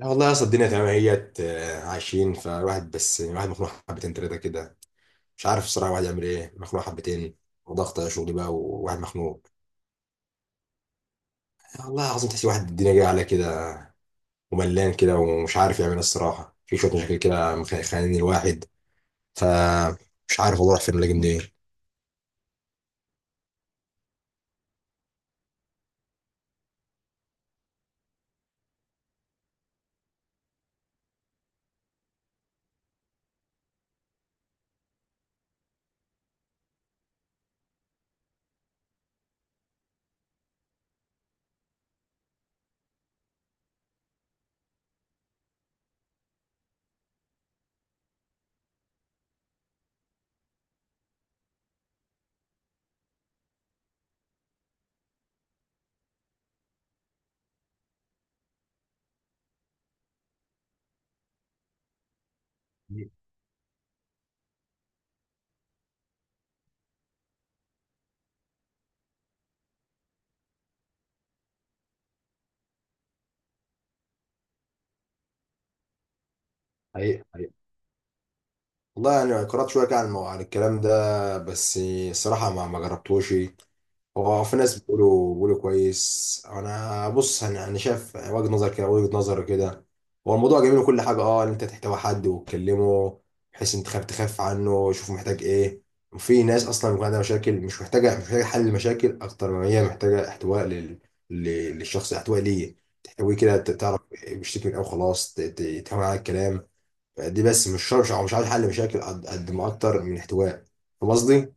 لا والله يا اسطى، الدنيا تمام اهيت، عايشين فالواحد، بس الواحد مخنوق حبتين تلاته كده. مش عارف الصراحه الواحد يعمل ايه، مخنوق حبتين. وضغط شغل بقى وواحد مخنوق. والله العظيم تحس الواحد الدنيا جايه عليه كده، وملان كده ومش عارف يعمل ايه الصراحه، في شويه مشاكل كده خانقين الواحد. فمش عارف والله، اروح فين ولا اجي منين. حقيقة. والله يعني قرأت شوية كده عن عن الكلام ده، بس الصراحة ما جربتوش. هو في ناس بيقولوا كويس، أنا بص، أنا شايف وجهة نظر كده، وجهة نظر كده. هو الموضوع جميل وكل حاجة، إن أنت تحتوي حد وتكلمه، بحيث أنت تخاف عنه، شوف محتاج إيه. وفي ناس أصلا بيكون عندها مشاكل، مش محتاجة حل مشاكل، أكتر ما هي محتاجة احتواء للشخص، احتواء ليه، تحتويه كده، تعرف بيشتكي من إيه وخلاص، تهون على الكلام. يعني دي بس مش شرط، مش عاوز حل مشاكل قد ما اكتر من احتواء. فاهم قصدي؟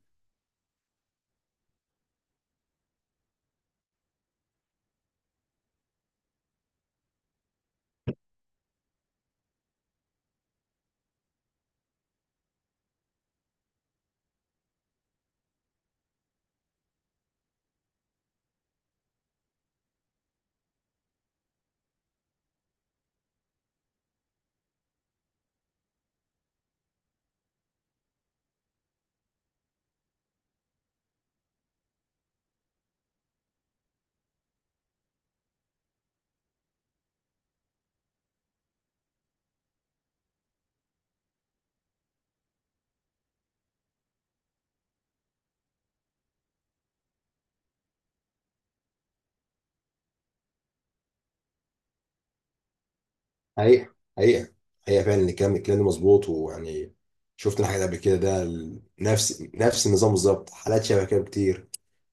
حقيقة، حقيقة، حقيقة، فعلا الكلام ده مظبوط. ويعني شفت انا حاجات قبل كده، ده نفس النظام بالظبط، حالات شبه كده كتير.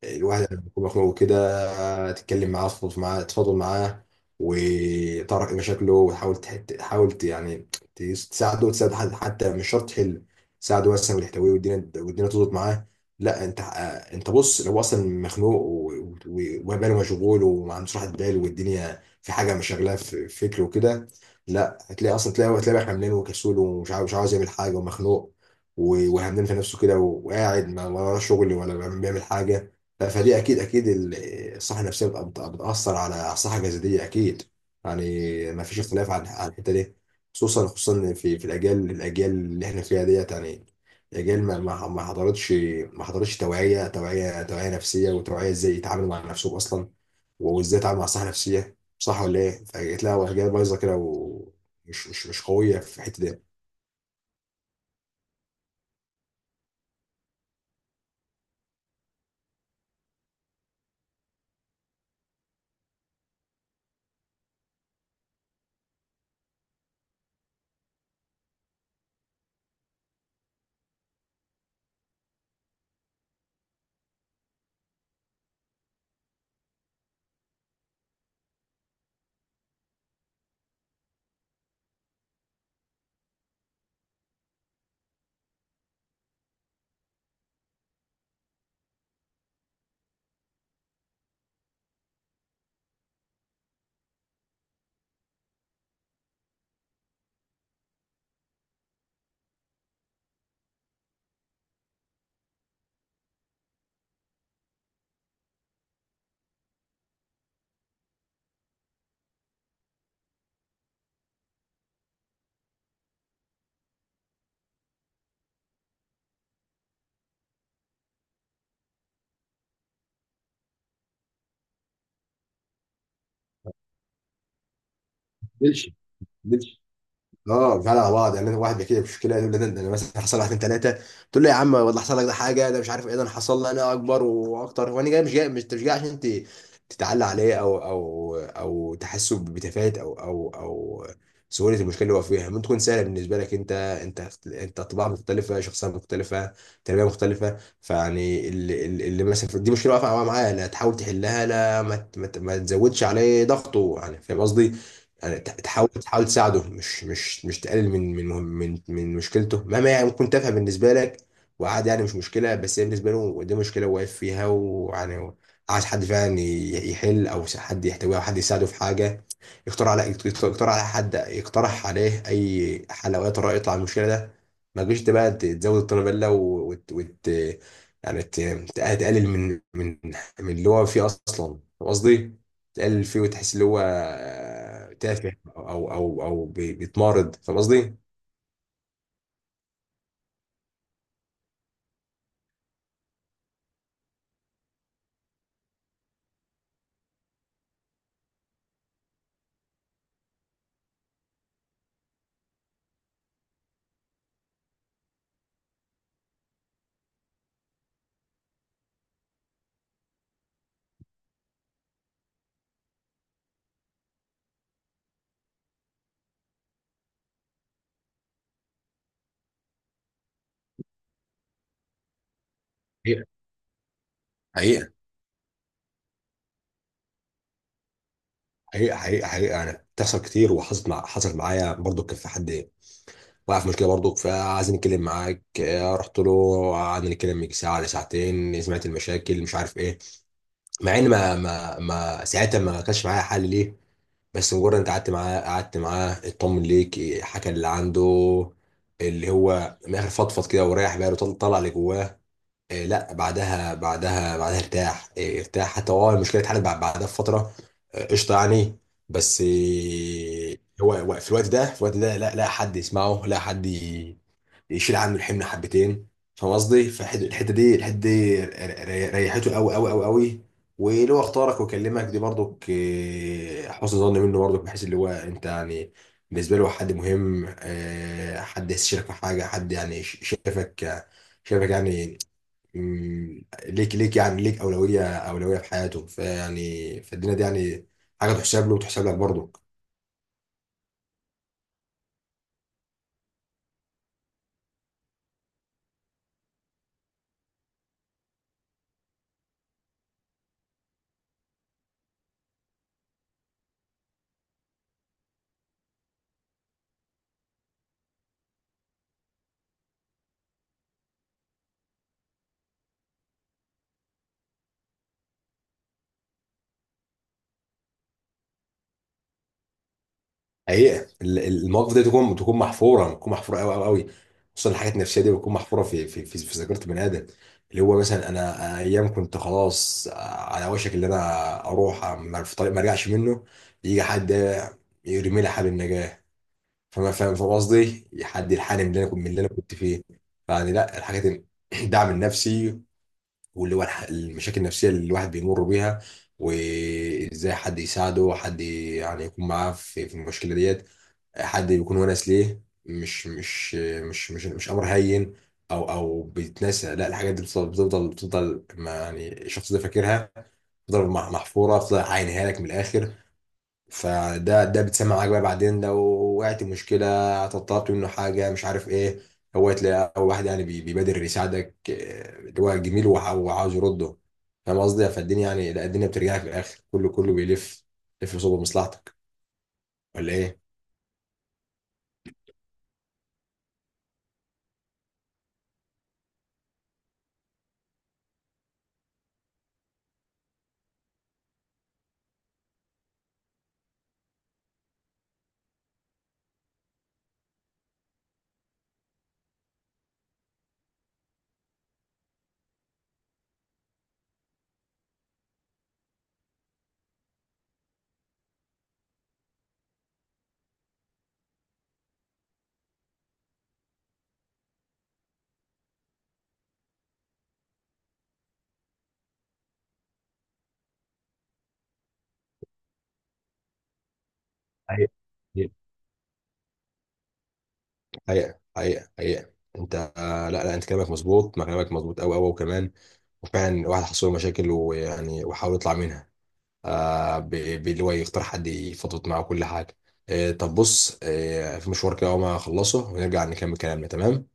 الواحد لما يكون مخنوق كده، تتكلم معاه، تفضفض معاه، تفضل معاه، وتعرف ايه مشاكله، وتحاول يعني تساعده وتساعد حد، حتى مش شرط تحل، تساعده مثلا وتحتويه، والدنيا تظبط معاه. لا انت، انت بص، لو هو اصلا مخنوق وباله مشغول، وما عندوش راحه بال، والدنيا في حاجه مشغلاه في فكره وكده، لا هتلاقي اصلا، هتلاقي بقى حملان وكسول، ومش عاوز مش عاوز يعمل حاجه، ومخنوق وهمدان في نفسه كده، وقاعد ما ولا شغل ولا بيعمل حاجه. فدي اكيد اكيد الصحه النفسيه بتاثر على الصحه الجسديه اكيد. يعني ما فيش اختلاف عن الحته دي، خصوصا في الاجيال اللي احنا فيها ديت. يعني اجيال ما حضرتش، ما حضرتش توعيه، توعيه نفسيه، وتوعيه ازاي يتعاملوا مع نفسهم اصلا، وازاي يتعاملوا مع الصحه النفسيه. صح ولا ايه؟ فجيت لها اجيال بايظه كده، ومش مش مش قويه في الحته دي. دلش. دلش. اه فعلا على بعض. يعني واحد بيحكي لي مشكله، يقول لي ده انا مثلا حصل، واحد اتنين تلاته، تقول له يا عم والله حصل لك ده حاجه، ده مش عارف ايه، ده انا حصل لي انا اكبر واكتر. وانا جاي، مش جاي، مش أنت، مش جاي عشان انت تتعلى عليه، او تحسه بتفاهه، او سهوله المشكله اللي هو فيها. ممكن تكون سهله بالنسبه لك انت، انت طباع مختلفه، شخصيه مختلفه، تربيه مختلفه. فيعني اللي مثلا دي مشكله واقفه معاه، لا تحاول تحلها، لا ما تزودش عليه ضغطه. يعني فاهم قصدي؟ يعني تحاول تساعده، مش تقلل من مشكلته، مهما، يعني ممكن تافهه بالنسبه لك وعادي، يعني مش مشكله، بس هي بالنسبه له دي مشكله واقف فيها. ويعني عايز حد فعلا يحل، او حد يحتويه، او حد يساعده في حاجه، يقترح على يقترح على حد يقترح عليه اي حل، او اي طريقه يطلع من المشكله ده. ما تجيش انت بقى تزود الطنابله يعني تقلل من من اللي هو فيه اصلا. فاهم قصدي؟ تقلل فيه وتحس اللي هو تافه، او بيتمارض. فاهم قصدي؟ حقيقة. حقيقة. حقيقة، حقيقة، حقيقة، أنا بتحصل كتير، وحصلت مع حصلت معايا برضو. كان في حد وقع في مشكلة برضو، فعايز نتكلم معاك، رحت له، قعدنا نتكلم يجي ساعة ولا ساعتين، سمعت المشاكل، مش عارف إيه. مع إن ما ساعتها ما كانش معايا حل ليه، بس مجرد أنت قعدت معاه اطمن ليك إيه، حكى اللي عنده. اللي هو من الآخر فضفض كده، وريح باله، طلع اللي جواه. لا بعدها ارتاح، حتى هو المشكله اتحلت بعدها بفتره. قشطه يعني. بس هو في الوقت ده، لا لا حد يسمعه، لا حد يشيل عنه الحمل حبتين. فاهم قصدي؟ فالحته دي، الحته دي ريحته قوي قوي قوي قوي. ولو اختارك وكلمك دي برضك، حسن ظن منه برضك، بحيث اللي هو انت يعني بالنسبه له حد مهم، حد يستشيرك في حاجه، حد يعني، ش- شافك شايفك يعني. ليك يعني اولويه في حياته. فيعني فالدنيا دي يعني حاجه تحسب له وتحسب لك برضه. حقيقه المواقف دي تكون محفوره، تكون محفوره قوي قوي قوي. خصوصا الحاجات النفسيه دي بتكون محفوره في ذاكره بني ادم. اللي هو مثلا انا ايام كنت خلاص على وشك اللي انا اروح، في طريق ما ارجعش منه، يجي حد يرمي لي حبل النجاه. فما فاهم فاهم قصدي، حد يلحقني من اللي انا كنت، فيه. يعني لا الحاجات الدعم النفسي، واللي هو المشاكل النفسية اللي الواحد بيمر بيها، وازاي حد يساعده، حد يعني يكون معاه في المشكلة ديت، حد يكون ونس ليه، مش امر هين او او بيتنسى. لا الحاجات دي بتفضل ما، يعني الشخص ده فاكرها، بتفضل محفورة، بتفضل عاينها لك من الاخر. فده بتسمع معاك بقى بعدين، لو وقعت مشكلة، طلبت منه حاجة مش عارف ايه، هو تلاقي أول واحد يعني بيبادر يساعدك، اللي هو جميل وعاوز يرده. فاهم قصدي؟ فالدنيا يعني، لا الدنيا بترجع لك في الآخر، كله بيلف لف صوب مصلحتك. ولا ايه؟ حقيقة. حقيقة. حقيقة، حقيقة، حقيقة، انت، لا لا انت كلامك مظبوط، ما كلامك مظبوط قوي قوي وكمان. وفعلا الواحد حصل له مشاكل، ويعني وحاول يطلع منها آه ب- باللي هو يختار حد يفضفض معاه كل حاجه. طب بص، في مشوار كده، اول ما اخلصه ونرجع نكمل كلامنا، تمام.